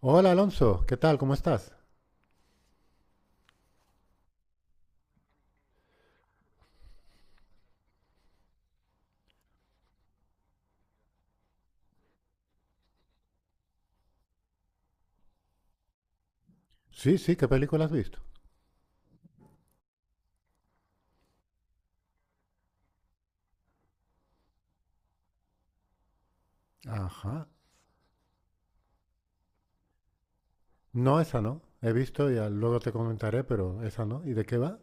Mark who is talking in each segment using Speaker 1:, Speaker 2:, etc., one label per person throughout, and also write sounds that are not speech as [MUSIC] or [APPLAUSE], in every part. Speaker 1: Hola Alonso, ¿qué tal? ¿Cómo estás? Sí, sí, ¿qué película has visto? Ajá. No, esa no. He visto, ya luego te comentaré, pero esa no. ¿Y de qué va?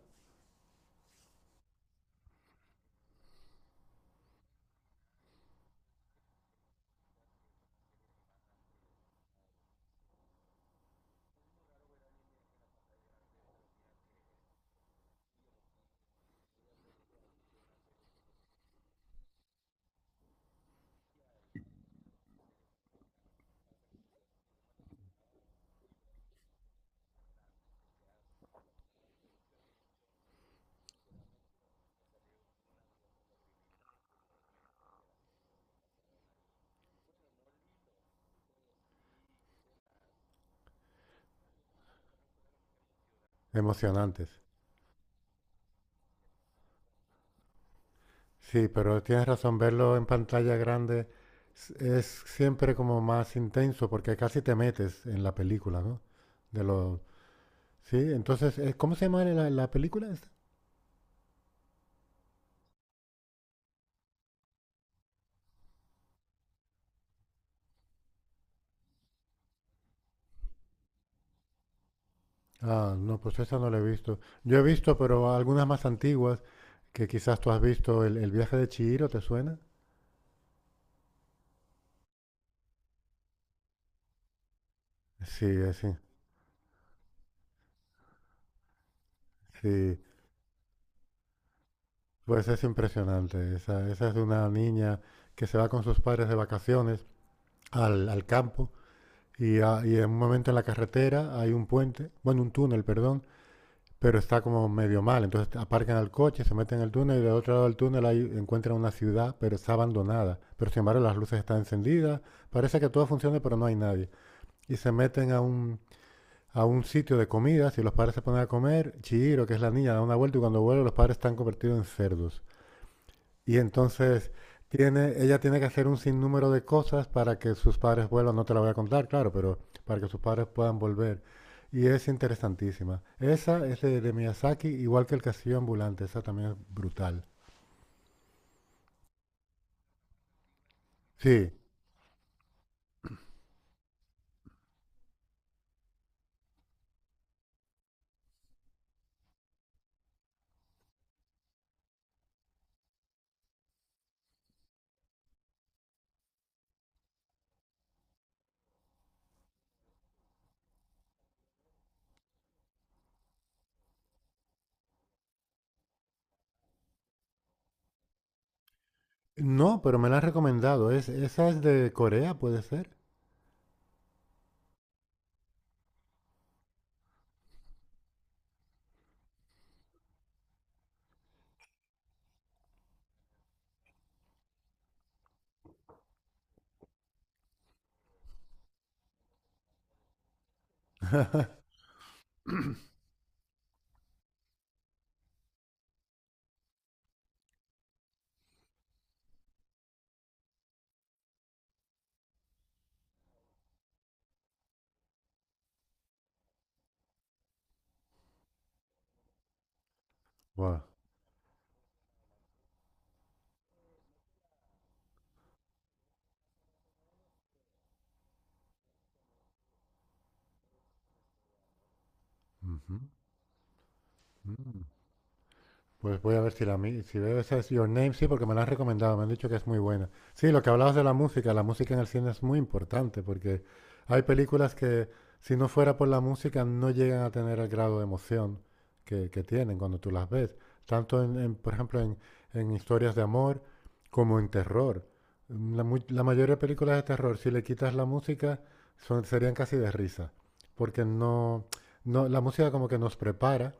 Speaker 1: Emocionantes. Sí, pero tienes razón, verlo en pantalla grande es siempre como más intenso porque casi te metes en la película, ¿no? De lo... Sí, entonces, ¿cómo se llama la película esta? Ah, no, pues esa no la he visto. Yo he visto, pero algunas más antiguas que quizás tú has visto, el viaje de Chihiro, ¿te suena? Sí, sí, sí. Pues es impresionante. Esa es de una niña que se va con sus padres de vacaciones al campo y, y en un momento en la carretera hay un puente, bueno, un túnel, perdón, pero está como medio mal. Entonces aparcan el coche, se meten en el túnel y del otro lado del túnel hay, encuentran una ciudad, pero está abandonada. Pero sin embargo las luces están encendidas, parece que todo funciona, pero no hay nadie. Y se meten a a un sitio de comidas y los padres se ponen a comer. Chihiro, que es la niña, da una vuelta y cuando vuelve los padres están convertidos en cerdos. Y entonces tiene, ella tiene que hacer un sinnúmero de cosas para que sus padres vuelvan. No te la voy a contar, claro, pero para que sus padres puedan volver. Y es interesantísima. Esa es de Miyazaki, igual que El Castillo Ambulante. Esa también es brutal. Sí. No, pero me la han recomendado. Es, esa es de Corea, ¿puede ser? Guau. Ujú. Mm. Pues voy a ver si la si veo esa es Your Name, sí, porque me la han recomendado, me han dicho que es muy buena. Sí, lo que hablabas de la música en el cine es muy importante porque hay películas que si no fuera por la música no llegan a tener el grado de emoción que tienen cuando tú las ves. Tanto por ejemplo, en historias de amor como en terror. Mm, la mayoría de películas de terror, si le quitas la música, serían casi de risa, porque no, no, la música como que nos prepara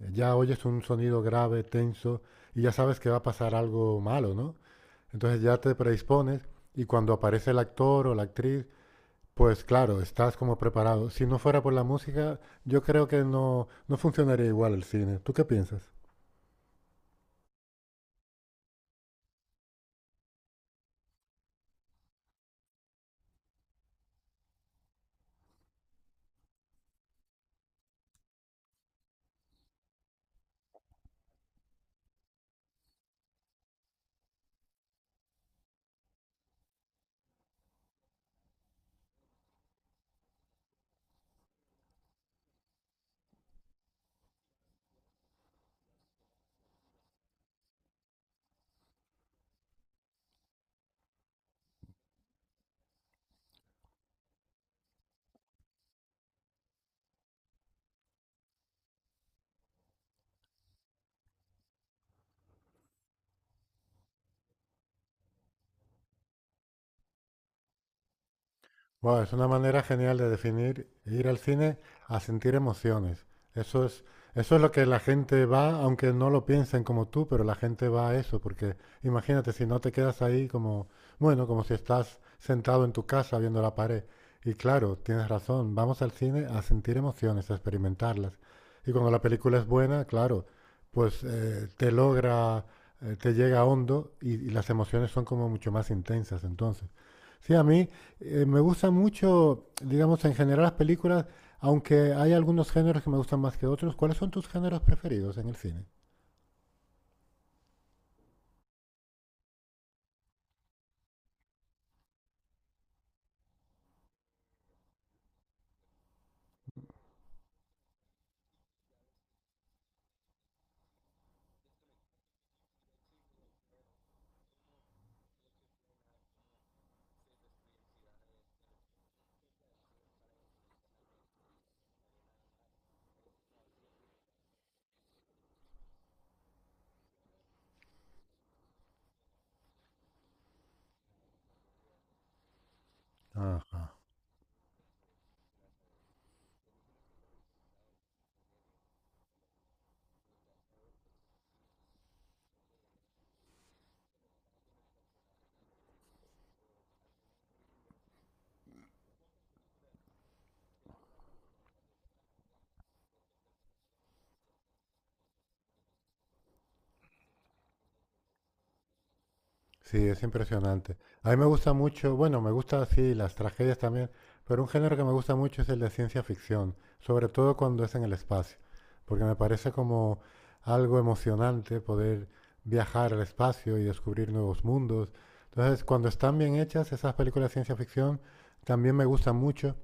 Speaker 1: ya oyes un sonido grave, tenso, y ya sabes que va a pasar algo malo, ¿no? Entonces ya te predispones y cuando aparece el actor o la actriz, pues claro, estás como preparado. Si no fuera por la música, yo creo que no, no funcionaría igual el cine. ¿Tú qué piensas? Bueno, es una manera genial de definir ir al cine a sentir emociones. Eso es, eso es lo que la gente va, aunque no lo piensen como tú, pero la gente va a eso, porque imagínate si no te quedas ahí como, bueno, como si estás sentado en tu casa viendo la pared. Y claro, tienes razón, vamos al cine a sentir emociones, a experimentarlas. Y cuando la película es buena, claro, pues te logra, te llega hondo y las emociones son como mucho más intensas entonces. Sí, a mí me gusta mucho, digamos, en general las películas, aunque hay algunos géneros que me gustan más que otros. ¿Cuáles son tus géneros preferidos en el cine? Ajá. Sí, es impresionante. A mí me gusta mucho, bueno, me gusta así las tragedias también, pero un género que me gusta mucho es el de ciencia ficción, sobre todo cuando es en el espacio, porque me parece como algo emocionante poder viajar al espacio y descubrir nuevos mundos. Entonces, cuando están bien hechas esas películas de ciencia ficción, también me gustan mucho.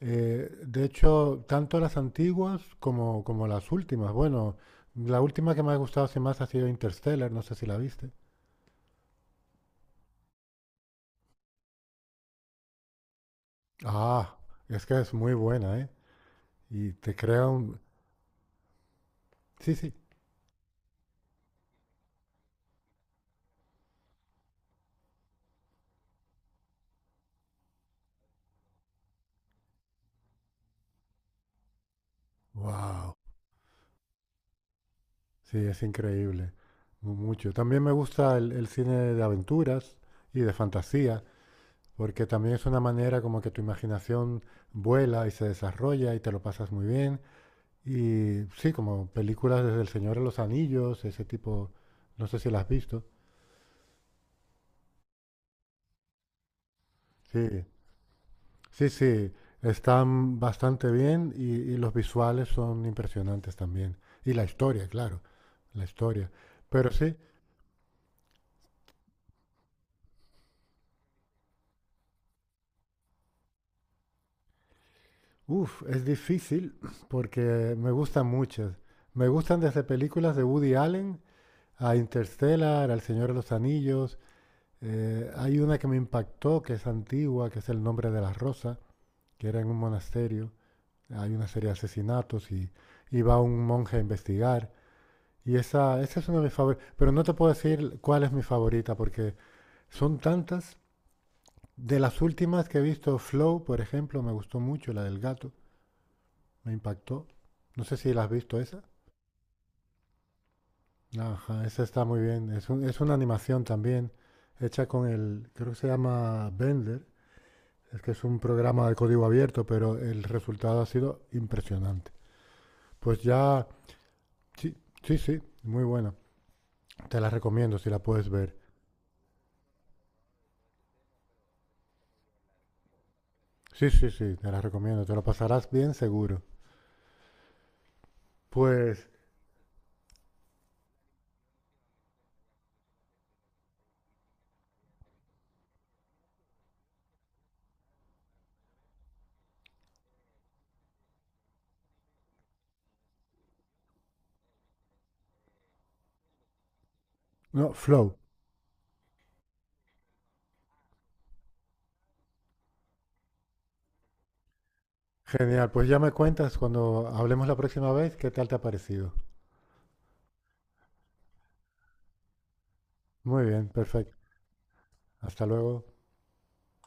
Speaker 1: De hecho, tanto las antiguas como las últimas. Bueno, la última que me ha gustado así más ha sido Interstellar, no sé si la viste. Ah, es que es muy buena, ¿eh? Y te crea un... Sí, sí. Wow. Sí, es increíble. Mucho. También me gusta el cine de aventuras y de fantasía, porque también es una manera como que tu imaginación vuela y se desarrolla y te lo pasas muy bien. Y sí, como películas desde El Señor de los Anillos, ese tipo, no sé si las has visto. Sí, sí, sí, están bastante bien y los visuales son impresionantes también. Y la historia, claro, la historia. Pero sí, uff, es difícil [CLEARS THROAT] porque me gustan muchas. Me gustan desde películas de Woody Allen a Interstellar, al Señor de los Anillos. Hay una que me impactó, que es antigua, que es El nombre de la rosa, que era en un monasterio. Hay una serie de asesinatos y va un monje a investigar. Y esa es una de mis favoritas. Pero no te puedo decir cuál es mi favorita, porque son tantas. De las últimas que he visto, Flow, por ejemplo, me gustó mucho, la del gato, me impactó. No sé si la has visto esa. Ajá, esa está muy bien. Es una animación también, hecha con el, creo que se llama Blender. Es que es un programa de código abierto, pero el resultado ha sido impresionante. Pues ya, sí, sí, sí, muy bueno. Te la recomiendo si la puedes ver. Sí, sí, sí, te la recomiendo. Te lo pasarás bien seguro. Pues, no, Flow. Genial. Pues ya me cuentas cuando hablemos la próxima vez qué tal te ha parecido. Muy bien, perfecto. Hasta luego.